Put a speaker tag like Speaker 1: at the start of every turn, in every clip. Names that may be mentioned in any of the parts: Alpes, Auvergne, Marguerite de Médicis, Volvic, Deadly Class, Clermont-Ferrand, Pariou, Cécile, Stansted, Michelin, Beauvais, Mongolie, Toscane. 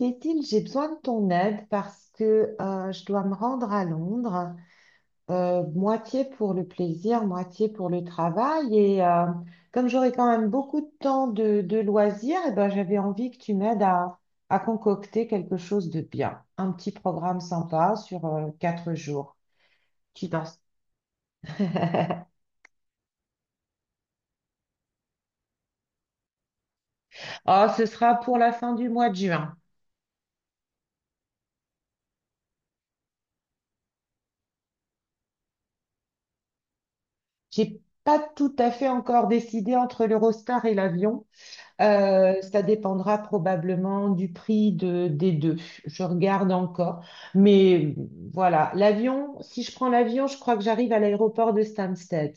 Speaker 1: Cécile, j'ai besoin de ton aide parce que je dois me rendre à Londres, moitié pour le plaisir, moitié pour le travail. Et comme j'aurai quand même beaucoup de temps de loisirs, eh ben, j'avais envie que tu m'aides à concocter quelque chose de bien. Un petit programme sympa sur quatre jours. Tu penses? Oh, ce sera pour la fin du mois de juin. J'ai pas tout à fait encore décidé entre l'Eurostar et l'avion. Ça dépendra probablement du prix des deux. Je regarde encore. Mais voilà, l'avion, si je prends l'avion, je crois que j'arrive à l'aéroport de Stansted.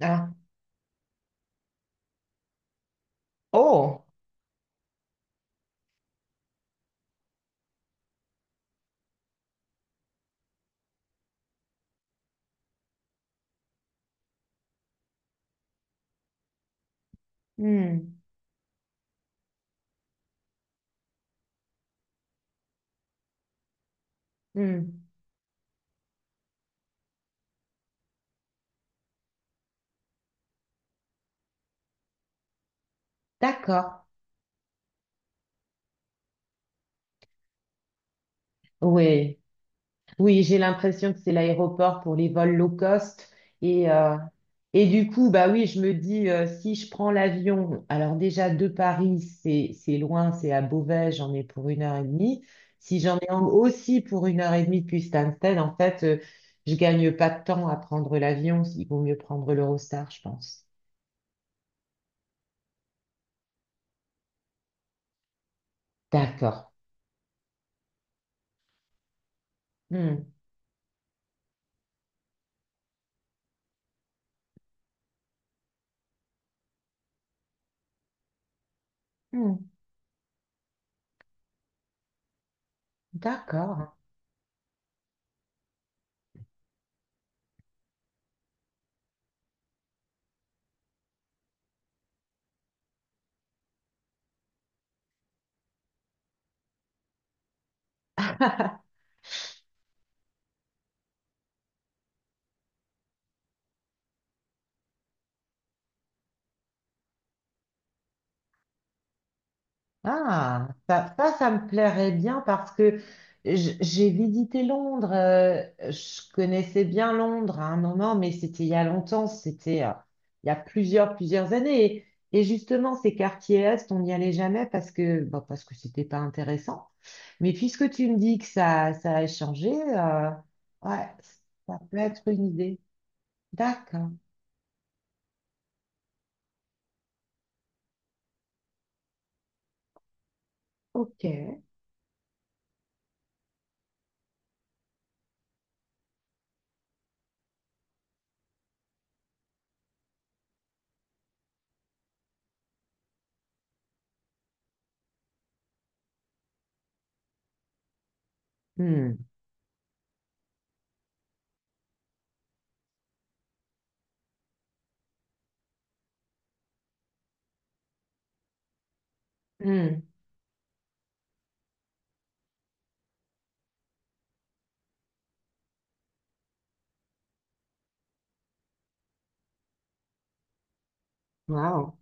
Speaker 1: Ah. Oh. Hmm. Hmm. D'accord. Oui. Oui, j'ai l'impression que c'est l'aéroport pour les vols low cost. Et, euh, et du coup, bah oui, je me dis, si je prends l'avion, alors déjà de Paris, c'est loin, c'est à Beauvais, j'en ai pour une heure et demie. Si j'en ai aussi pour une heure et demie depuis Stansted, en fait, je gagne pas de temps à prendre l'avion. Il vaut mieux prendre l'Eurostar, je pense. D'accord. Hmm. Hmm. D'accord. Ah, ça me plairait bien parce que j'ai visité Londres. Je connaissais bien Londres à un moment, mais c'était il y a longtemps, c'était il y a plusieurs années. Et justement, ces quartiers Est, on n'y allait jamais parce que, bah, parce que c'était pas intéressant. Mais puisque tu me dis que ça a changé, ouais, ça peut être une idée. D'accord, ok. Hmm, hmm. Wow.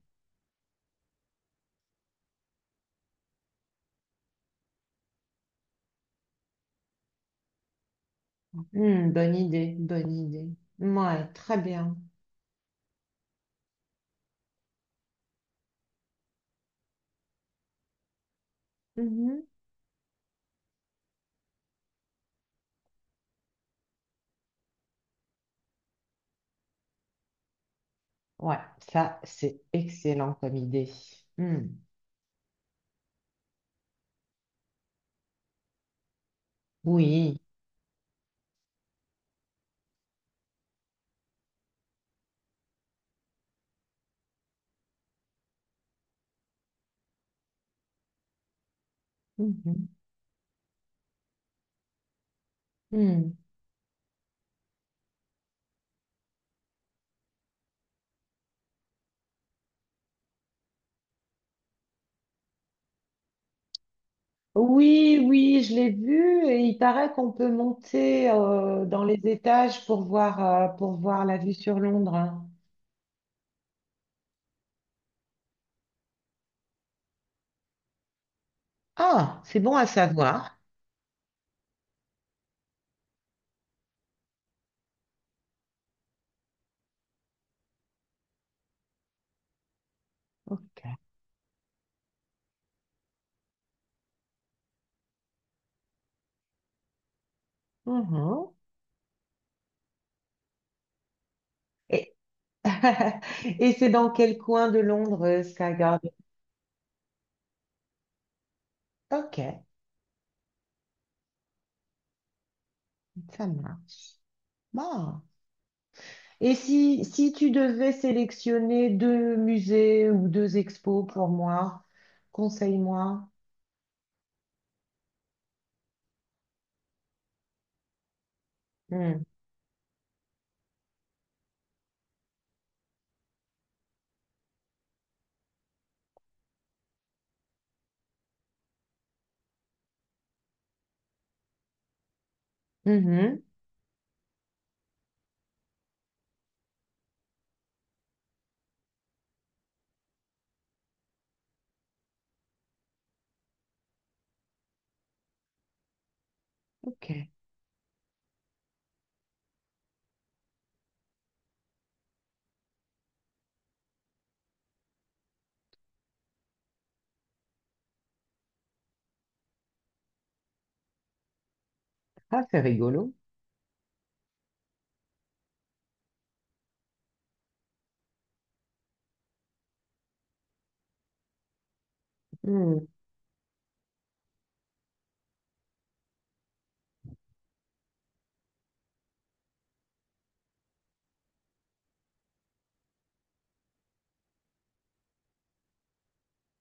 Speaker 1: Hmm, bonne idée, bonne idée. Ouais, très bien. Mhm. Ouais, ça, c'est excellent comme idée. Hmm. Oui. Mhm. Hmm. Oui, oui, je l'ai vu et il paraît qu'on peut monter dans les étages pour voir la vue sur Londres. Hein. Ah, c'est bon à savoir. Ok. Mhm. Et, et c'est dans quel coin de Londres, ça garde? Ok, ça marche. Bon. Et si tu devais sélectionner deux musées ou deux expos pour moi, conseille-moi. Hmm. Mhm. Ok. Ah, c'est rigolo. Hmm.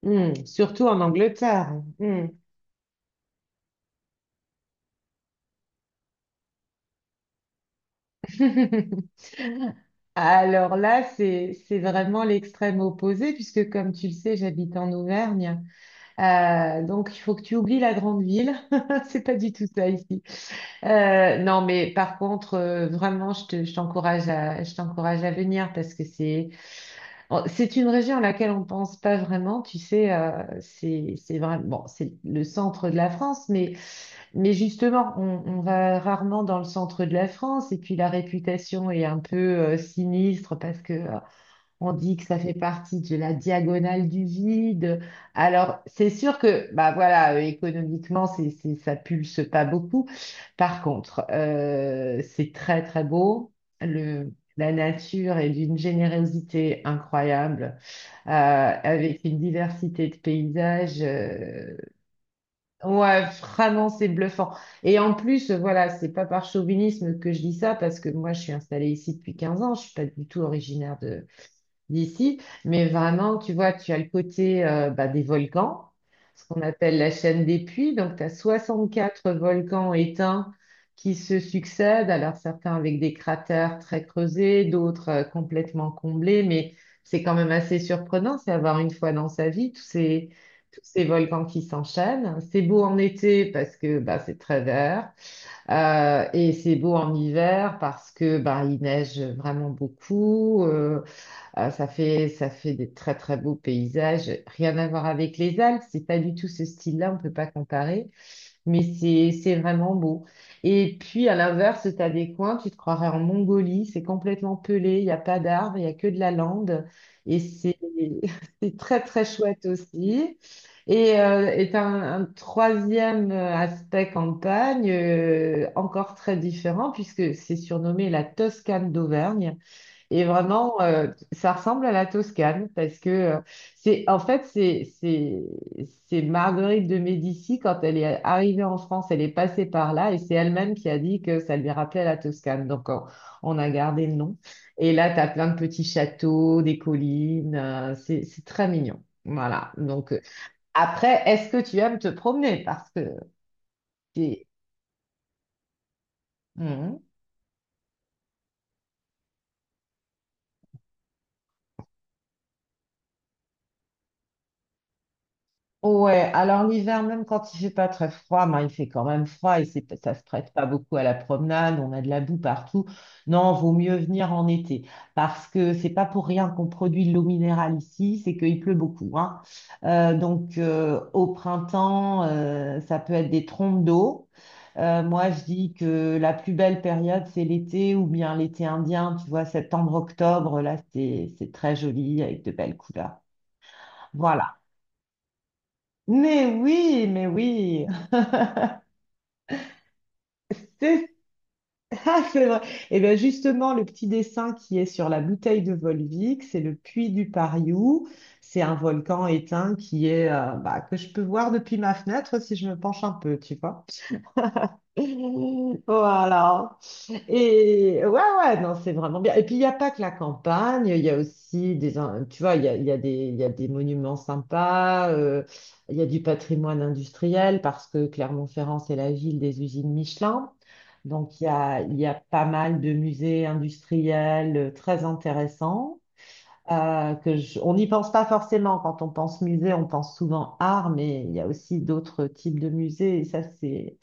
Speaker 1: Hmm. Surtout en Angleterre. Hmm. Alors là, c'est vraiment l'extrême opposé, puisque comme tu le sais, j'habite en Auvergne. Donc, il faut que tu oublies la grande ville. C'est pas du tout ça ici. Non, mais par contre, vraiment, je t'encourage à venir parce que c'est, bon, c'est une région à laquelle on pense pas vraiment. Tu sais, c'est vraiment, bon, c'est le centre de la France, mais justement, on va rarement dans le centre de la France. Et puis la réputation est un peu sinistre parce que on dit que ça fait partie de la diagonale du vide. Alors, c'est sûr que, bah voilà, économiquement, ça pulse pas beaucoup. Par contre, c'est très très beau. La nature est d'une générosité incroyable, avec une diversité de paysages. Ouais, vraiment, c'est bluffant. Et en plus, voilà, c'est pas par chauvinisme que je dis ça, parce que moi, je suis installée ici depuis 15 ans. Je suis pas du tout originaire d'ici, mais vraiment, tu vois, tu as le côté bah, des volcans, ce qu'on appelle la chaîne des puits. Donc, tu as 64 volcans éteints qui se succèdent, alors certains avec des cratères très creusés, d'autres complètement comblés, mais c'est quand même assez surprenant, c'est avoir une fois dans sa vie tous ces volcans qui s'enchaînent. C'est beau en été parce que bah, c'est très vert. Et c'est beau en hiver parce que bah, il neige vraiment beaucoup. Ah, ça fait des très très beaux paysages. Rien à voir avec les Alpes, c'est pas du tout ce style-là, on peut pas comparer, mais c'est vraiment beau. Et puis à l'inverse, tu as des coins, tu te croirais en Mongolie, c'est complètement pelé, il n'y a pas d'arbres, il n'y a que de la lande, et c'est c'est très très chouette aussi. Et un troisième aspect campagne, encore très différent, puisque c'est surnommé la Toscane d'Auvergne. Et vraiment, ça ressemble à la Toscane parce que c'est, en fait, c'est Marguerite de Médicis quand elle est arrivée en France, elle est passée par là et c'est elle-même qui a dit que ça lui rappelait la Toscane. On a gardé le nom. Et là, tu as plein de petits châteaux, des collines, c'est très mignon. Voilà. Donc après, est-ce que tu aimes te promener? Parce que c'est... hmm. Ouais, alors l'hiver, même quand il fait pas très froid, ben, il fait quand même froid et ça se prête pas beaucoup à la promenade, on a de la boue partout. Non, vaut mieux venir en été parce que c'est pas pour rien qu'on produit de l'eau minérale ici, c'est qu'il pleut beaucoup, hein. Au printemps, ça peut être des trompes d'eau. Moi, je dis que la plus belle période, c'est l'été ou bien l'été indien, tu vois, septembre-octobre, là, c'est très joli avec de belles couleurs. Voilà. Mais oui, c'est c'est vrai. Et bien justement, le petit dessin qui est sur la bouteille de Volvic, c'est le puits du Pariou. C'est un volcan éteint qui est bah, que je peux voir depuis ma fenêtre si je me penche un peu, tu vois. Voilà. Et ouais, ouais, non, c'est vraiment bien. Et puis, il n'y a pas que la campagne, il y a aussi tu vois, il y a des monuments sympas, il y a du patrimoine industriel parce que Clermont-Ferrand, c'est la ville des usines Michelin. Donc, il y a pas mal de musées industriels très intéressants on n'y pense pas forcément. Quand on pense musée, on pense souvent art, mais il y a aussi d'autres types de musées,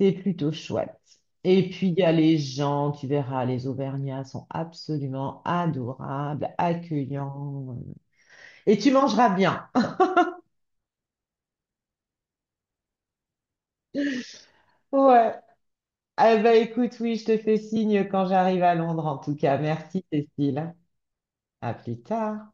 Speaker 1: c'est plutôt chouette. Et puis, il y a les gens, tu verras, les Auvergnats sont absolument adorables, accueillants. Et tu mangeras bien. Ouais. Eh ben, écoute, oui, je te fais signe quand j'arrive à Londres, en tout cas. Merci, Cécile. À plus tard.